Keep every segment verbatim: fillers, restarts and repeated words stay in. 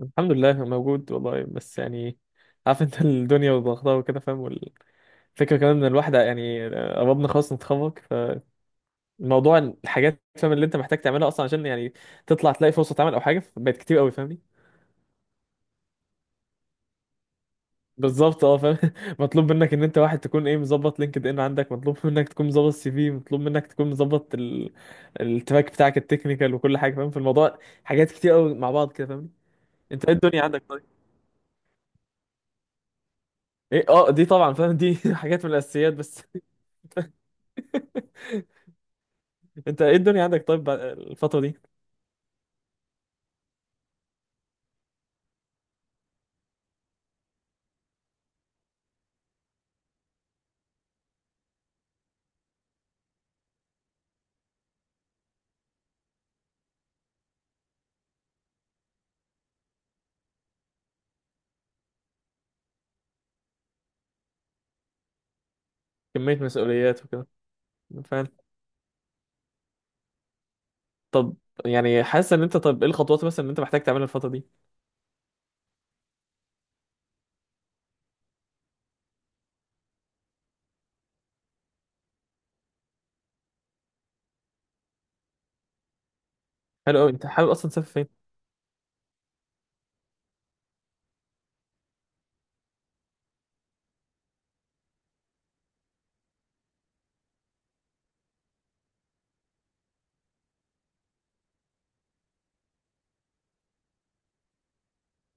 الحمد لله موجود والله، بس يعني عارف انت الدنيا وضغطها وكده فاهم. والفكره كمان ان الواحد يعني قربنا خلاص نتخرج، فالموضوع الحاجات فاهم اللي انت محتاج تعملها اصلا عشان يعني تطلع تلاقي فرصه عمل او حاجه، بقت كتير قوي فاهمني. بالظبط اه فاهم. مطلوب منك ان انت واحد تكون ايه، مظبط لينكد ان عندك، مطلوب منك تكون مظبط سي في، مطلوب منك تكون مظبط ال... التراك بتاعك التكنيكال وكل حاجه فاهم، في الموضوع حاجات كتير قوي مع بعض كده فاهمني. انت ايه الدنيا عندك طيب؟ ايه اه، دي طبعا فاهم. دي حاجات من الاساسيات بس. انت ايه الدنيا عندك طيب بعد- الفترة دي؟ كمية مسؤوليات وكده فاهم. طب يعني حاسس ان انت، طب ايه الخطوات مثلا اللي انت محتاج تعملها الفترة دي؟ حلو قوي، انت حابب اصلا تسافر فين؟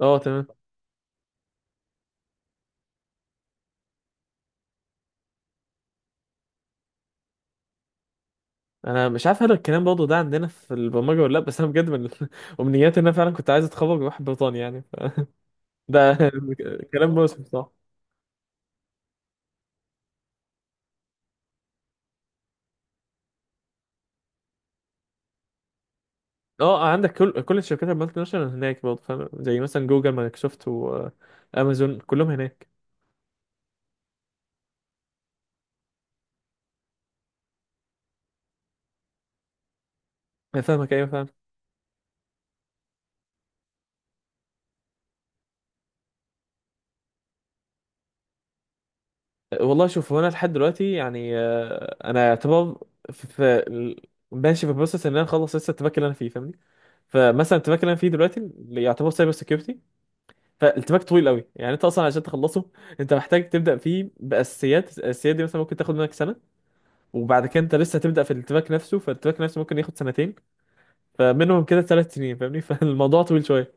اه تمام. انا مش عارف هل الكلام برضه ده عندنا في البرمجة ولا لا، بس انا بجد من امنياتي ان انا فعلا كنت عايز اتخرج واروح بريطانيا يعني ف... ده كلام موسم صح. اه، عندك كل كل الشركات المالتي ناشونال هناك برضه فاهم، زي مثلا جوجل مايكروسوفت وامازون كلهم هناك. أنا فاهمك، ايوه فاهم. والله شوف، هو انا لحد دلوقتي يعني، آه، انا يعتبر في في- ماشي في بروسس ان انا اخلص لسه التراك اللي انا فيه فاهمني. فمثلا التراك اللي انا فيه دلوقتي اللي يعتبر سايبر سكيورتي، فالتراك طويل قوي، يعني انت اصلا عشان تخلصه انت محتاج تبدا فيه باساسيات. الاساسيات دي مثلا ممكن تاخد منك سنه، وبعد كده انت لسه هتبدا في التراك نفسه، فالتراك نفسه ممكن ياخد سنتين، فمنهم كده ثلاث سنين فاهمني. فالموضوع طويل شويه.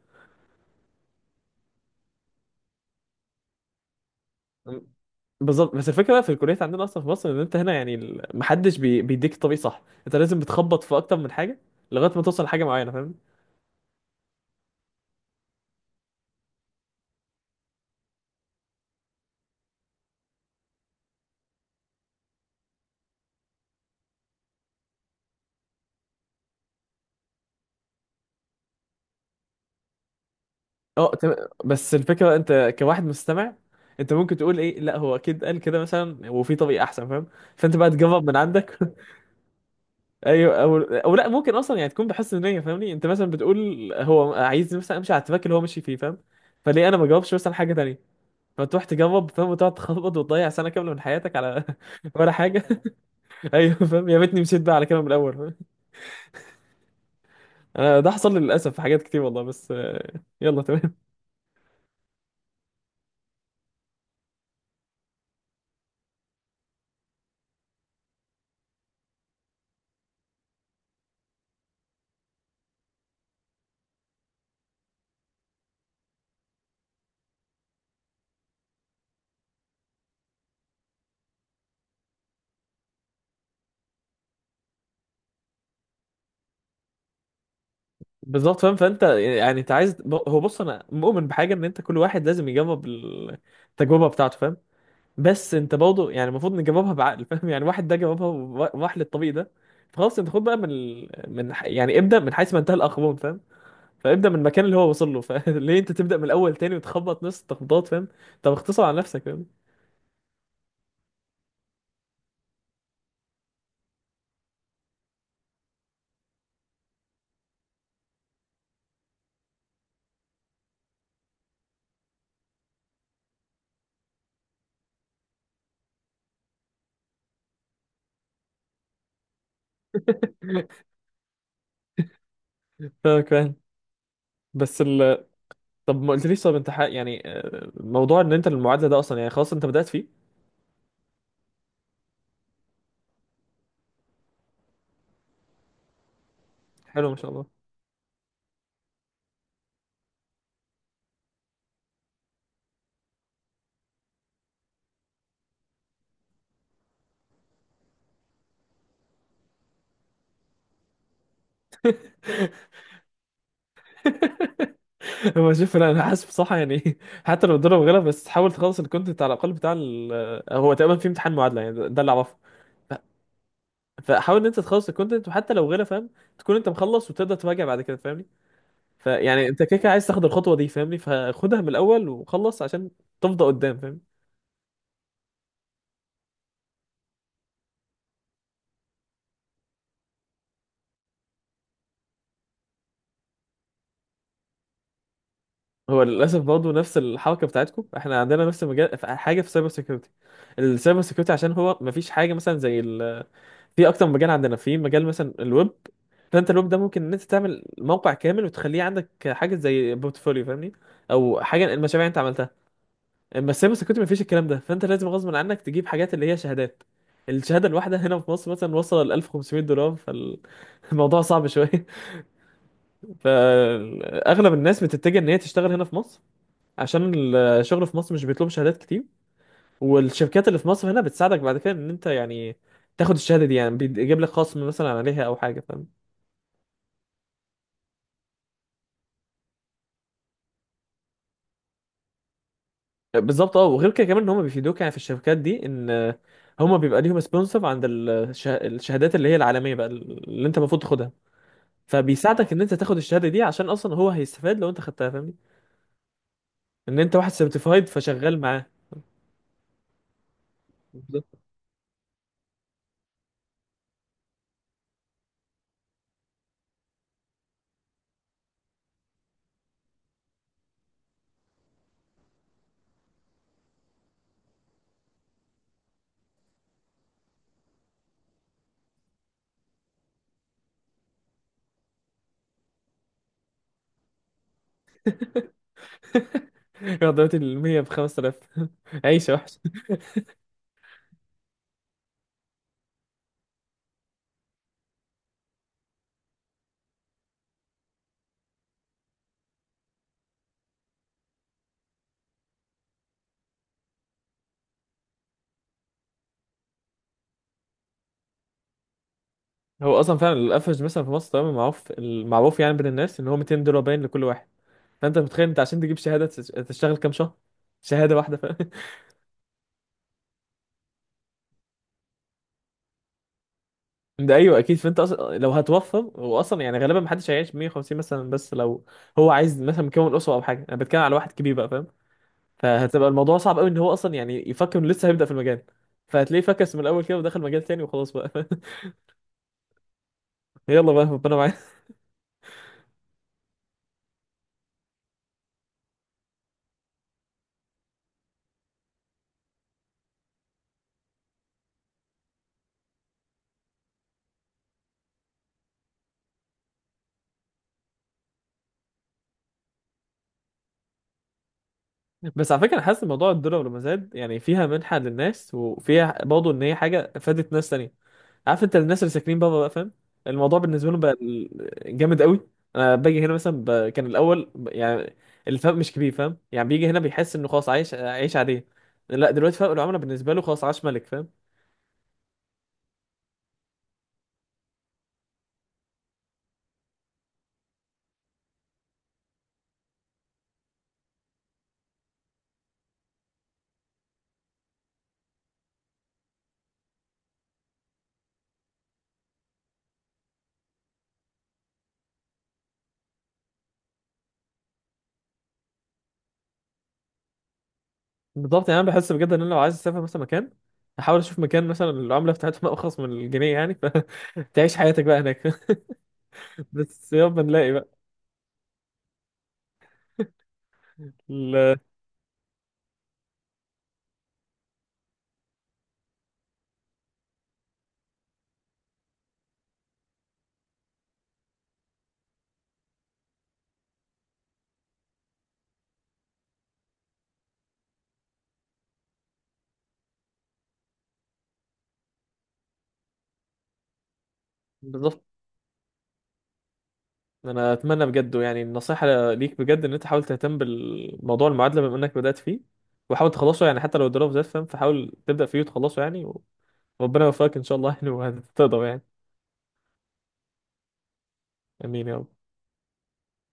بالظبط، بس الفكره بقى في الكليات عندنا اصلا في مصر ان انت هنا، يعني ال- محدش بي... بيديك الطريق صح، انت لازم بتخبط في اكتر من حاجه لغايه ما توصل لحاجه معينه فاهم. اه تم... بس الفكره انت كواحد مستمع، انت ممكن تقول ايه، لا هو اكيد قال كده مثلا وفي طريق احسن فاهم، فانت بقى تجرب من عندك. ايوه، او او لا، ممكن اصلا يعني تكون بحس ان، فاهمني، انت مثلا بتقول هو عايز مثلا امشي على التراك اللي هو ماشي فيه فاهم، فليه انا ما جربش مثلا حاجه تانيه، فتروح تجرب فاهم وتقعد تخبط وتضيع سنه كامله من حياتك على ولا حاجه. ايوه فاهم، يا ريتني مشيت بقى على كده من الاول فاهم؟ انا ده حصل لي للاسف في حاجات كتير والله، بس آه، يلا تمام. بالظبط فاهم، فانت يعني انت عايز ب- هو بص، انا مؤمن بحاجه ان انت كل واحد لازم يجرب التجربه بتاعته فاهم. بس انت برضه يعني المفروض نجربها بعقل فاهم، يعني واحد ده جربها وراح للطريق ده، فخلاص انت خد بقى من ال- من ح- يعني ابدا من حيث ما انتهى الاخرون فاهم، فابدا من المكان اللي هو وصل له، فليه انت تبدا من الاول تاني وتخبط نفس التخبطات فاهم؟ طب اختصر على نفسك فاهم. فاهمك فاهم. بس ال طب ما قلتليش، طب انت حق يعني، آه، موضوع ان انت المعادله ده اصلا يعني خلاص انت بدات فيه؟ حلو ما شاء الله. هو شوف، انا أنا حاسب صح يعني. حتى لو الضرب غلط بس حاول تخلص الكونتنت على الاقل بتاع ال... آه، هو تقريبا في امتحان معادله يعني، ده ده اللي اعرفه. ف- فحاول ان انت تخلص الكونتنت وحتى لو غيره فاهم، تكون انت مخلص وتقدر تراجع بعد كده فاهمني. فيعني انت كده كده عايز تاخد الخطوه دي فاهمني، فخدها من الاول وخلص عشان تفضى قدام فاهم. هو للاسف برضه نفس الحركه بتاعتكم، احنا عندنا نفس المجال في حاجه في سايبر سيكيورتي. السايبر سيكيورتي عشان هو ما فيش حاجه مثلا زي ال... في اكتر مجال عندنا في مجال مثلا الويب، فانت الويب ده ممكن ان انت تعمل موقع كامل وتخليه عندك حاجه زي بورتفوليو فاهمني، او حاجه المشاريع اللي انت عملتها. اما السايبر سيكيورتي ما فيش الكلام ده، فانت لازم غصب عنك تجيب حاجات اللي هي شهادات. الشهاده الواحده هنا في مصر مثلا وصل ل ألف وخمسميه دولار، فالموضوع صعب شويه. فاغلب الناس بتتجه ان هي تشتغل هنا في مصر، عشان الشغل في مصر مش بيطلب شهادات كتير. والشركات اللي في مصر هنا بتساعدك بعد كده ان انت يعني تاخد الشهاده دي، يعني بيجيب لك خصم مثلا عليها او حاجه فاهم. بالظبط اه، وغير كده كمان ان هم بيفيدوك يعني في الشركات دي، ان هم بيبقى ليهم سبونسر عند الشه- الشهادات اللي هي العالميه بقى اللي انت المفروض تاخدها، فبيساعدك ان انت تاخد الشهاده دي عشان اصلا هو هيستفاد لو انت خدتها فاهمني، ان انت واحد سيرتيفايد فشغال معاه. بالظبط. يا درجة المية بخمس خمسة آلاف. عيشه. هو اصلا فعلا الافرج مثلا في مصر تمام معروف، المعروف يعني بين الناس ان هو مئتين دولار باين لكل واحد، فانت متخيل انت عشان تجيب شهاده تش- تشتغل كام شهر؟ شهاده واحده فاهم. ده ايوه اكيد، فانت اصلا لو هتوفر هو اصلا يعني غالبا محدش هيعيش ميه وخمسين مثلا، بس لو هو عايز مثلا مكون اسره او حاجه، انا بتكلم على واحد كبير بقى فاهم، فهتبقى الموضوع صعب قوي ان هو اصلا يعني يفكر انه لسه هيبدا في المجال، فهتلاقيه فكس من الاول كده ودخل مجال تاني وخلاص بقى. يلا بقى ربنا معانا. بس على فكره، انا حاسس إن موضوع الدولار لما زاد يعني فيها منحه للناس، وفيها برضه ان هي حاجه فادت ناس تانية، عارف انت الناس اللي ساكنين بره بقى فاهم، الموضوع بالنسبه لهم بقى ال- جامد قوي. انا باجي هنا مثلا ب... كان الاول ب... يعني الفرق مش كبير فاهم، يعني بيجي هنا بيحس انه خلاص عايش عايش عاديه، لا دلوقتي فرق العمله بالنسبه له خلاص عاش ملك فاهم. بالظبط، يعني انا بحس بجد ان انا لو عايز اسافر مثلا مكان، احاول اشوف مكان مثلا العمله بتاعتهم ارخص من الجنيه يعني، فتعيش حياتك بقى هناك. بس يابا نلاقي بقى. ال- بالظبط. انا اتمنى بجد يعني النصيحه ليك بجد، ان انت حاول تهتم بالموضوع المعادله بما انك بدات فيه، وحاول تخلصه يعني حتى لو الدراسه زاد فاهم، فحاول تبدا فيه وتخلصه يعني، وربنا يوفقك ان شاء الله يعني وهتقدر يعني. امين يا رب.